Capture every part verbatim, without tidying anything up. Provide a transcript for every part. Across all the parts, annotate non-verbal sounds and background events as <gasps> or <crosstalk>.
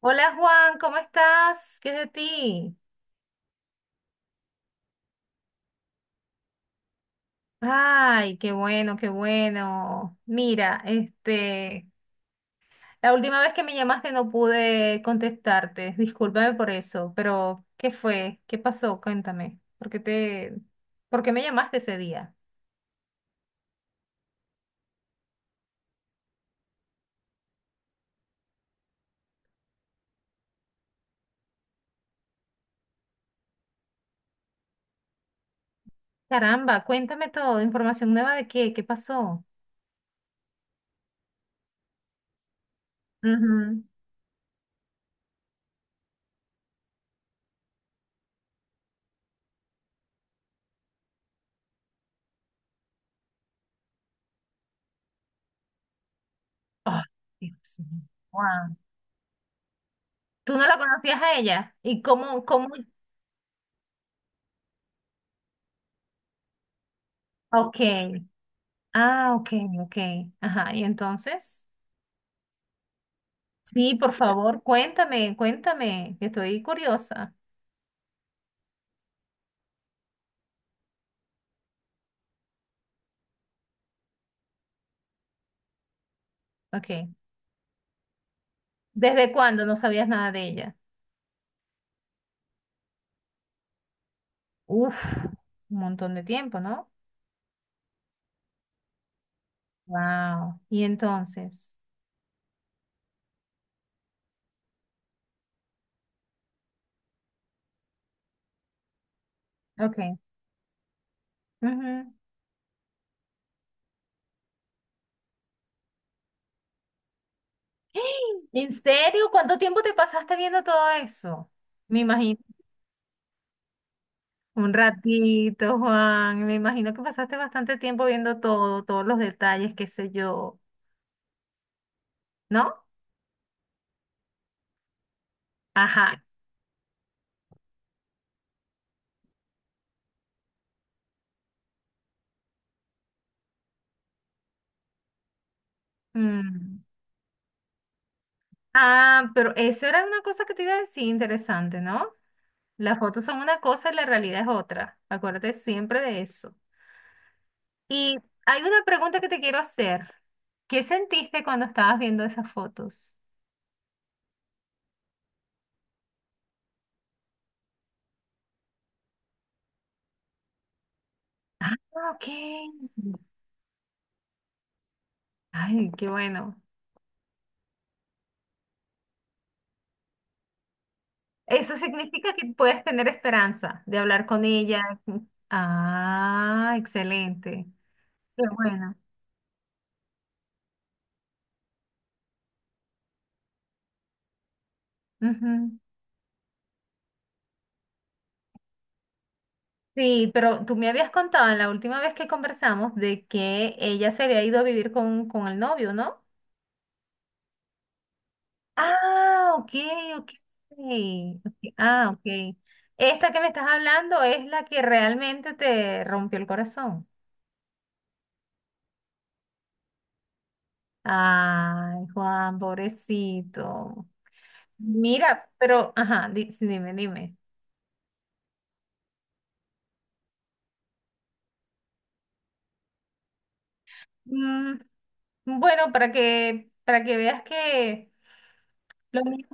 Hola Juan, ¿cómo estás? ¿Qué es de ti? Ay, qué bueno, qué bueno. Mira, este, la última vez que me llamaste no pude contestarte. Discúlpame por eso, pero ¿qué fue? ¿Qué pasó? Cuéntame. ¿Por qué te, por qué me llamaste ese día? Caramba, cuéntame todo. ¿Información nueva de qué? ¿Qué pasó? Ujú. Ay, Dios mío, Juan. ¿Tú no la conocías a ella? ¿Y cómo, cómo? Ok. Ah, ok, ok. Ajá, y entonces, sí, por favor, cuéntame, cuéntame, que estoy curiosa. Ok. ¿Desde cuándo no sabías nada de ella? Uf, un montón de tiempo, ¿no? Wow. Y entonces, ok. Ujú. <gasps> ¿En serio? ¿Cuánto tiempo te pasaste viendo todo eso? Me imagino, un ratito, Juan, me imagino que pasaste bastante tiempo viendo todo, todos los detalles, qué sé yo, ¿no? Ajá. Ah, pero eso era una cosa que te iba a decir, interesante, ¿no? Las fotos son una cosa y la realidad es otra. Acuérdate siempre de eso. Y hay una pregunta que te quiero hacer. ¿Qué sentiste cuando estabas viendo esas fotos? Ah, ok. Ay, qué bueno. Eso significa que puedes tener esperanza de hablar con ella. Ah, excelente. Qué bueno. Ujú. Sí, pero tú me habías contado en la última vez que conversamos de que ella se había ido a vivir con, con el novio, ¿no? Ah, ok, ok. Ok, ok, Ah, ok. Esta que me estás hablando es la que realmente te rompió el corazón. Ay, Juan, pobrecito. Mira, pero, ajá, di- sí, dime, dime. Mm, bueno, para que, para que veas que lo mío.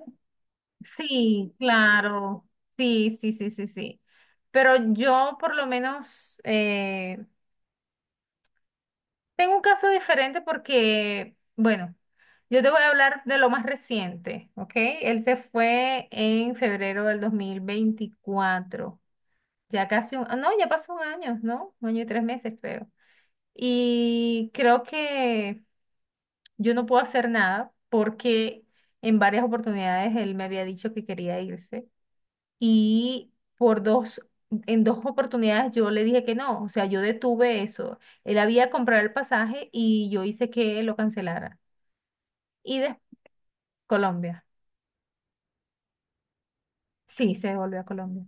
Sí, claro. Sí, sí, sí, sí, sí. Pero yo por lo menos eh, tengo un caso diferente porque, bueno, yo te voy a hablar de lo más reciente, ¿ok? Él se fue en febrero del dos mil veinticuatro. ya casi un, ah, no, ya pasó un año, ¿no? Un año y tres meses, creo. Y creo que yo no puedo hacer nada porque en varias oportunidades él me había dicho que quería irse y por dos, en dos oportunidades yo le dije que no, o sea, yo detuve eso. Él había comprado el pasaje y yo hice que lo cancelara. Y de Colombia, sí, se devolvió a Colombia.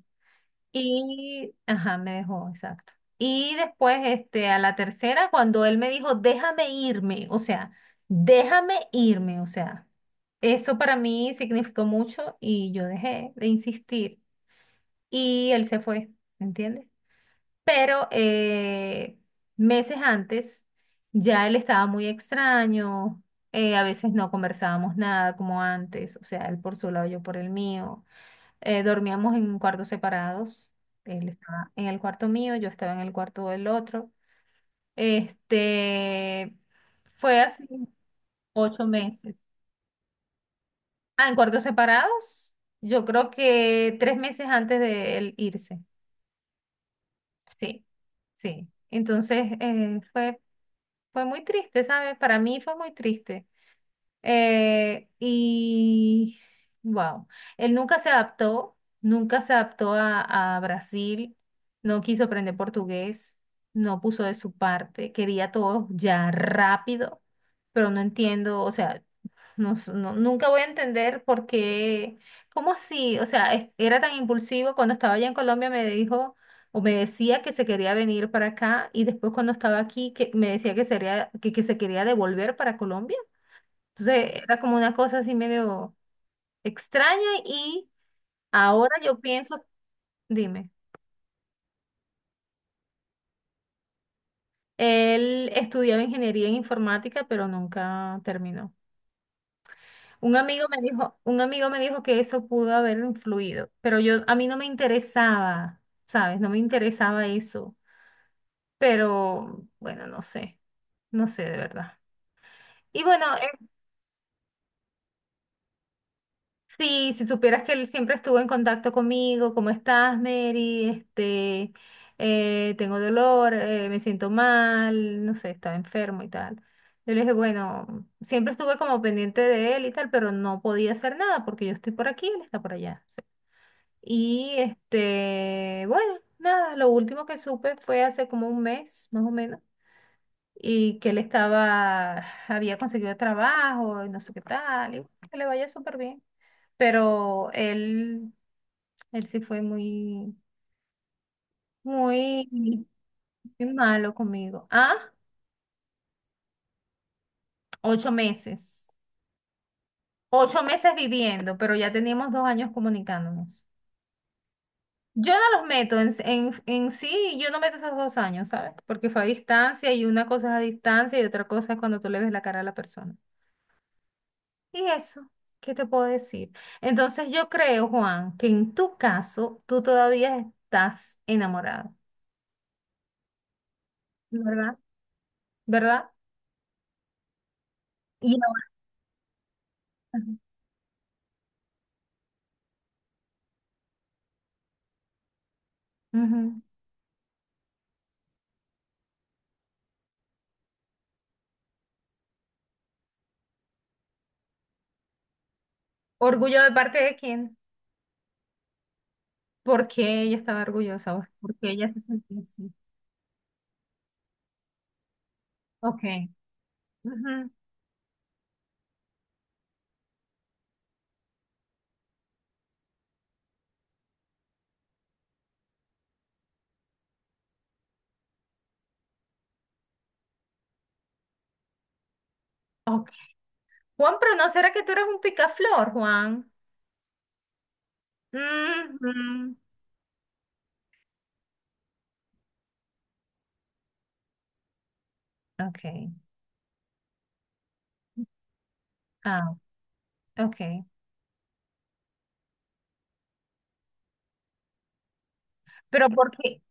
Y, ajá, me dejó, exacto. Y después, este, a la tercera, cuando él me dijo, déjame irme, o sea, déjame irme, o sea, eso para mí significó mucho y yo dejé de insistir y él se fue, ¿entiendes? Pero eh, meses antes ya él estaba muy extraño, eh, a veces no conversábamos nada como antes, o sea, él por su lado, yo por el mío, eh, dormíamos en cuartos separados, él estaba en el cuarto mío, yo estaba en el cuarto del otro. Este, fue así ocho meses. Ah, en cuartos separados, yo creo que tres meses antes de él irse. Sí, sí. Entonces, eh, fue, fue muy triste, ¿sabes? Para mí fue muy triste. Eh, y, wow, él nunca se adaptó, nunca se adaptó a, a Brasil, no quiso aprender portugués, no puso de su parte, quería todo ya rápido, pero no entiendo, o sea, no, s- no- nunca voy a entender por qué, cómo así, o sea, es- era tan impulsivo cuando estaba allá en Colombia me dijo o me decía que se quería venir para acá y después cuando estaba aquí que me decía que sería que, que, se quería devolver para Colombia. Entonces era como una cosa así medio extraña y ahora yo pienso, dime, él estudiaba ingeniería en informática pero nunca terminó. Un amigo me dijo, un amigo me dijo que eso pudo haber influido, pero yo a mí no me interesaba, ¿sabes? No me interesaba eso, pero bueno, no sé, no sé de verdad. Y bueno, si, si supieras que él siempre estuvo en contacto conmigo, ¿cómo estás, Mary? Este, eh, tengo dolor, eh, me siento mal, no sé, estaba enfermo y tal. Yo le dije, bueno, siempre estuve como pendiente de él y tal, pero no podía hacer nada porque yo estoy por aquí, él está por allá. Y este, bueno, nada, lo último que supe fue hace como un mes, más o menos, y que él estaba, había conseguido trabajo y no sé qué tal, y bueno, que le vaya súper bien. Pero él, él, sí fue muy, muy, muy malo conmigo. Ah, ocho meses. Ocho meses viviendo, pero ya teníamos dos años comunicándonos. Yo no los meto en, en, en sí, yo no meto esos dos años, ¿sabes? Porque fue a distancia y una cosa es a distancia y otra cosa es cuando tú le ves la cara a la persona. Y eso, ¿qué te puedo decir? Entonces yo creo, Juan, que en tu caso tú todavía estás enamorado, ¿verdad? ¿Verdad? Y ahora- Ujú. ¿Orgullo de parte de quién? ¿Por qué ella estaba orgullosa? ¿O ¿Por qué ella se sentía así? Ok. Ujú. Ok. Juan, pero ¿no será que tú eres un picaflor, Juan? Ujú. Okay, ah, okay, Pero porque,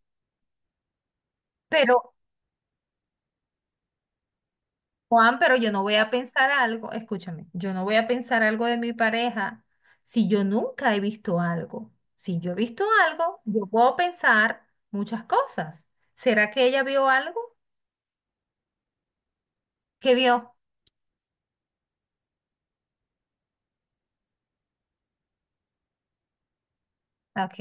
pero, Juan, pero yo no voy a pensar algo, escúchame, yo no voy a pensar algo de mi pareja si yo nunca he visto algo. Si yo he visto algo, yo puedo pensar muchas cosas. ¿Será que ella vio algo? ¿Qué vio? Ok.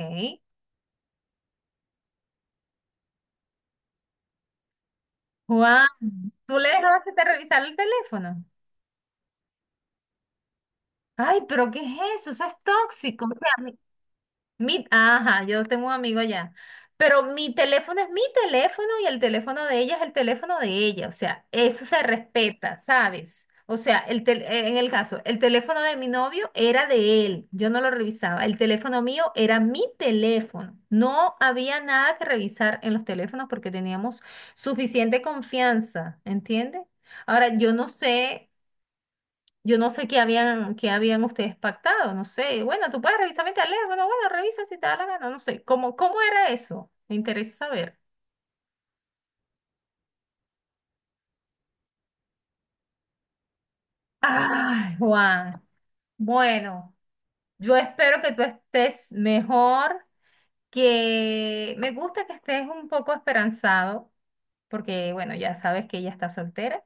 Juan, ¿tú le dejaste de revisar el teléfono? Ay, pero ¿qué es eso? Eso es tóxico. O sea, Mi, ajá, yo tengo un amigo allá. Pero mi teléfono es mi teléfono y el teléfono de ella es el teléfono de ella. O sea, eso se respeta, ¿sabes? O sea, el tel- eh, en el caso, el teléfono de mi novio era de él. Yo no lo revisaba. El teléfono mío era mi teléfono. No había nada que revisar en los teléfonos porque teníamos suficiente confianza, ¿entiendes? Ahora, yo no sé. Yo no sé qué habían, qué habían ustedes pactado, no sé. Bueno, tú puedes revisar, vete a leer. Bueno, bueno, revisa si te da la gana, no sé. ¿Cómo, cómo era eso? Me interesa saber. Ay, Juan. Bueno, yo espero que tú estés mejor, que me gusta que estés un poco esperanzado, porque bueno, ya sabes que ella está soltera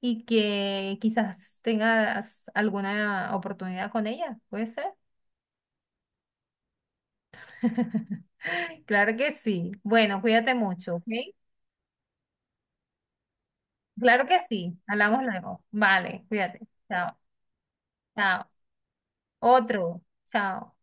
y que quizás tengas alguna oportunidad con ella, ¿puede ser? <laughs> Claro que sí. Bueno, cuídate mucho, ¿ok? Claro que sí, hablamos luego. Vale, cuídate. Chao, chao. Otro, chao.